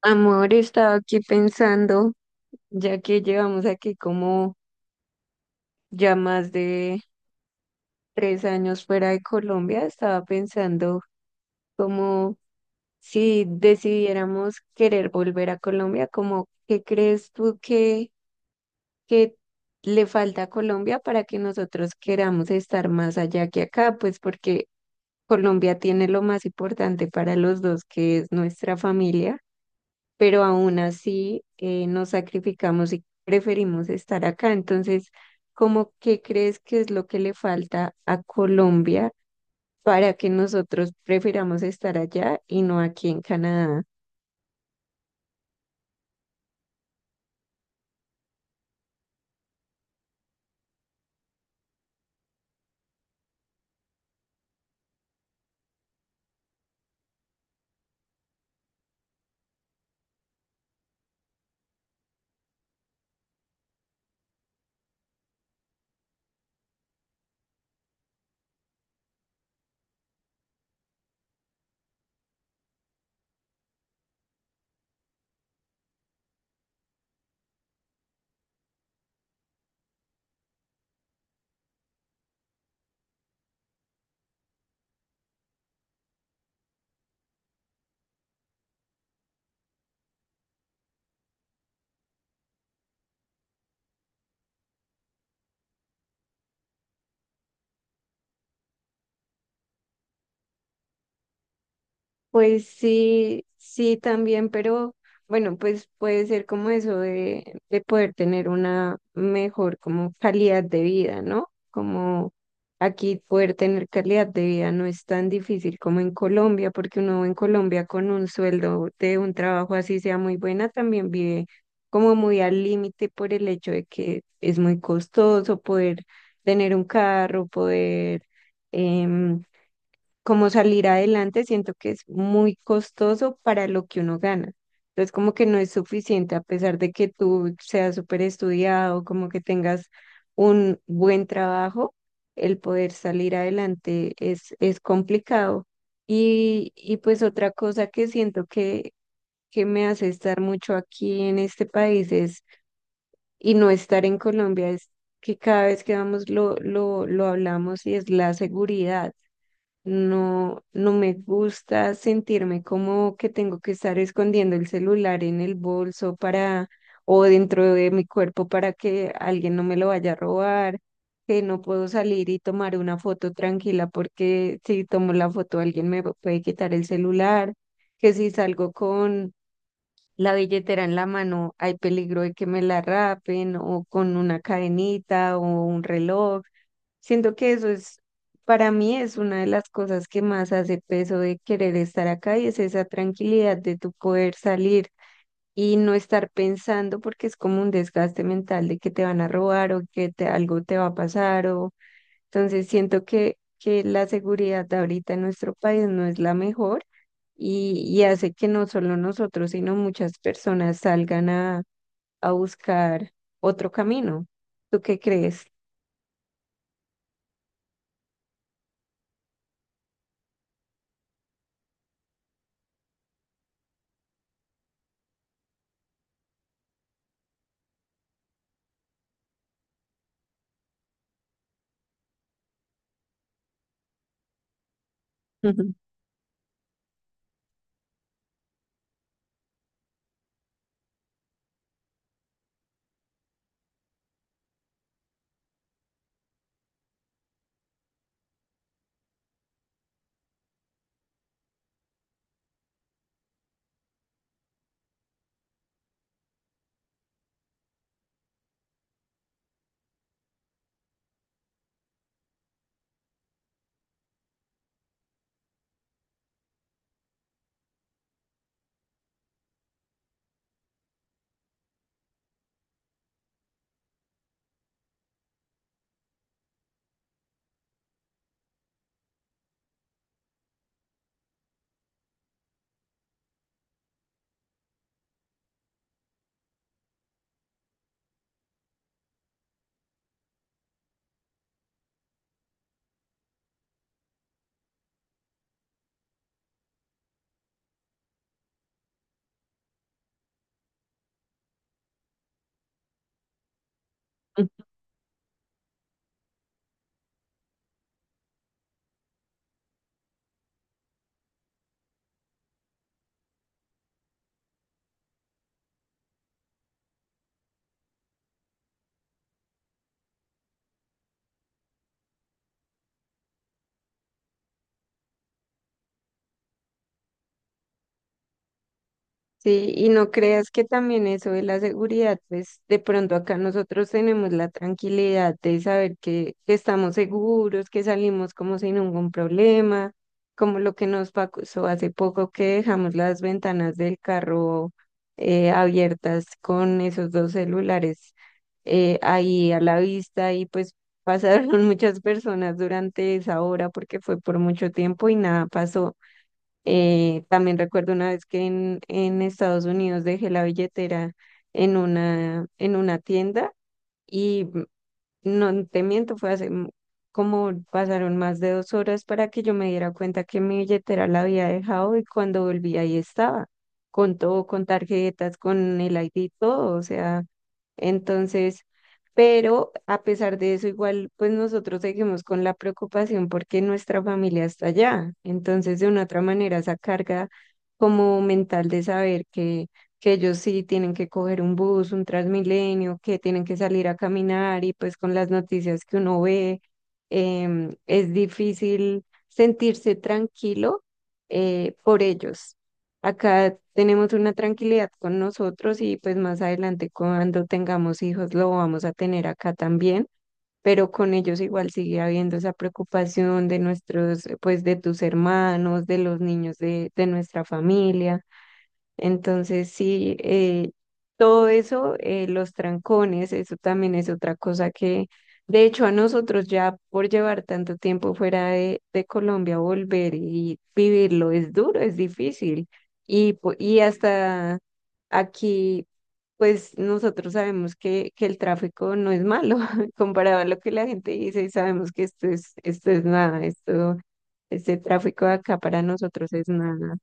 Amor, estaba aquí pensando, ya que llevamos aquí como ya más de 3 años fuera de Colombia, estaba pensando como si decidiéramos querer volver a Colombia, como ¿qué crees tú que le falta a Colombia para que nosotros queramos estar más allá que acá? Pues porque Colombia tiene lo más importante para los dos, que es nuestra familia, pero aún así nos sacrificamos y preferimos estar acá. Entonces, ¿cómo qué crees que es lo que le falta a Colombia para que nosotros prefiramos estar allá y no aquí en Canadá? Pues sí, sí también, pero bueno, pues puede ser como eso de poder tener una mejor como calidad de vida, ¿no? Como aquí poder tener calidad de vida no es tan difícil como en Colombia, porque uno en Colombia con un sueldo de un trabajo así sea muy buena, también vive como muy al límite por el hecho de que es muy costoso poder tener un carro, em, como salir adelante, siento que es muy costoso para lo que uno gana. Entonces, como que no es suficiente, a pesar de que tú seas súper estudiado, como que tengas un buen trabajo, el poder salir adelante es complicado. Y pues otra cosa que siento que me hace estar mucho aquí en este país es, y no estar en Colombia, es que cada vez que vamos lo hablamos y es la seguridad. No me gusta sentirme como que tengo que estar escondiendo el celular en el bolso para o dentro de mi cuerpo para que alguien no me lo vaya a robar, que no puedo salir y tomar una foto tranquila porque si tomo la foto alguien me puede quitar el celular, que si salgo con la billetera en la mano hay peligro de que me la rapen o con una cadenita o un reloj. Siento que eso es, para mí es una de las cosas que más hace peso de querer estar acá y es esa tranquilidad de tu poder salir y no estar pensando porque es como un desgaste mental de que te van a robar o que te, algo te va a pasar. O entonces siento que la seguridad de ahorita en nuestro país no es la mejor y hace que no solo nosotros sino muchas personas salgan a buscar otro camino. ¿Tú qué crees? Sí, y no creas que también eso de la seguridad, pues de pronto acá nosotros tenemos la tranquilidad de saber que estamos seguros, que salimos como sin ningún problema, como lo que nos pasó hace poco que dejamos las ventanas del carro abiertas con esos 2 celulares ahí a la vista y pues pasaron muchas personas durante esa hora porque fue por mucho tiempo y nada pasó. También recuerdo una vez que en Estados Unidos dejé la billetera en en una tienda. Y no te miento, como pasaron más de 2 horas para que yo me diera cuenta que mi billetera la había dejado, y cuando volví ahí estaba, con todo, con tarjetas, con el ID, y todo, o sea, entonces, pero a pesar de eso, igual, pues nosotros seguimos con la preocupación porque nuestra familia está allá. Entonces de una u otra manera esa carga como mental de saber que ellos sí tienen que coger un bus, un Transmilenio, que tienen que salir a caminar y pues con las noticias que uno ve, es difícil sentirse tranquilo por ellos. Acá tenemos una tranquilidad con nosotros y pues más adelante cuando tengamos hijos lo vamos a tener acá también, pero con ellos igual sigue habiendo esa preocupación de nuestros, pues de tus hermanos, de los niños de nuestra familia. Entonces, sí, todo eso, los trancones, eso también es otra cosa que, de hecho, a nosotros ya por llevar tanto tiempo fuera de Colombia, volver y vivirlo es duro, es difícil. Y hasta aquí, pues nosotros sabemos que el tráfico no es malo comparado a lo que la gente dice, y sabemos que esto es nada, esto, este tráfico de acá para nosotros es nada.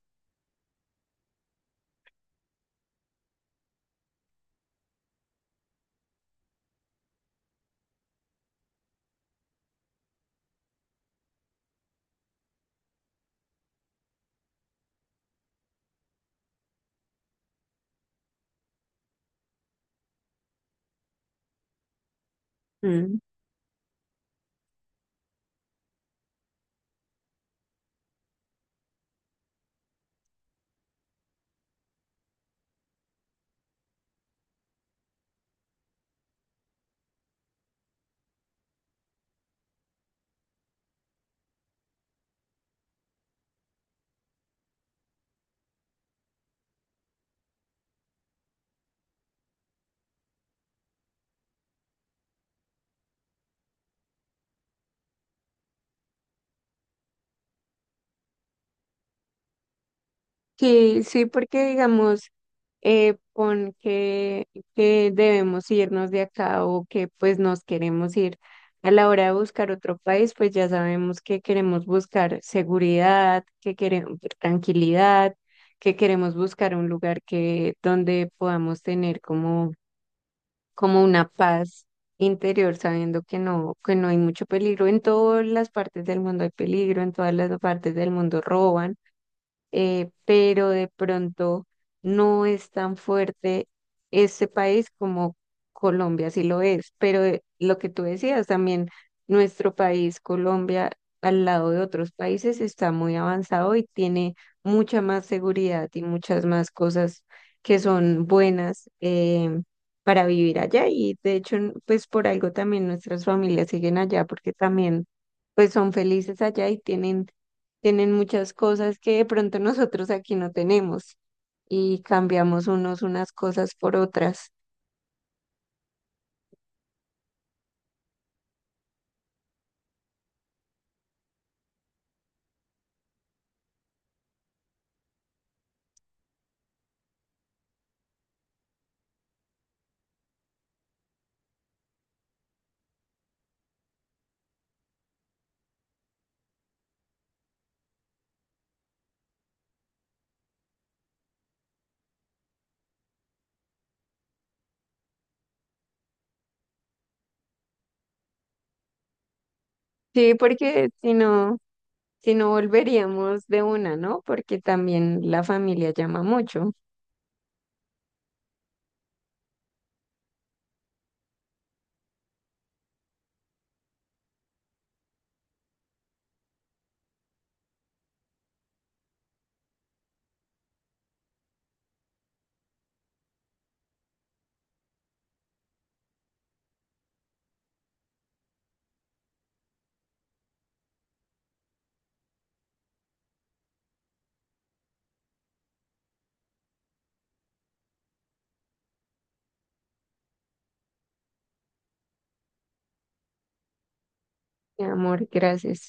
Mm. Sí, sí, porque digamos, pon que debemos irnos de acá o que pues nos queremos ir. A la hora de buscar otro país, pues ya sabemos que queremos buscar seguridad, que queremos tranquilidad, que queremos buscar un lugar que donde podamos tener como, como una paz interior, sabiendo que no hay mucho peligro. En todas las partes del mundo hay peligro, en todas las partes del mundo roban, pero de pronto no es tan fuerte este país como Colombia sí lo es. Pero lo que tú decías también, nuestro país, Colombia, al lado de otros países está muy avanzado y tiene mucha más seguridad y muchas más cosas que son buenas. Para vivir allá, y de hecho pues por algo también nuestras familias siguen allá, porque también pues son felices allá y tienen muchas cosas que de pronto nosotros aquí no tenemos, y cambiamos unos unas cosas por otras. Sí, porque si no, si no volveríamos de una, ¿no? Porque también la familia llama mucho. Mi amor, gracias.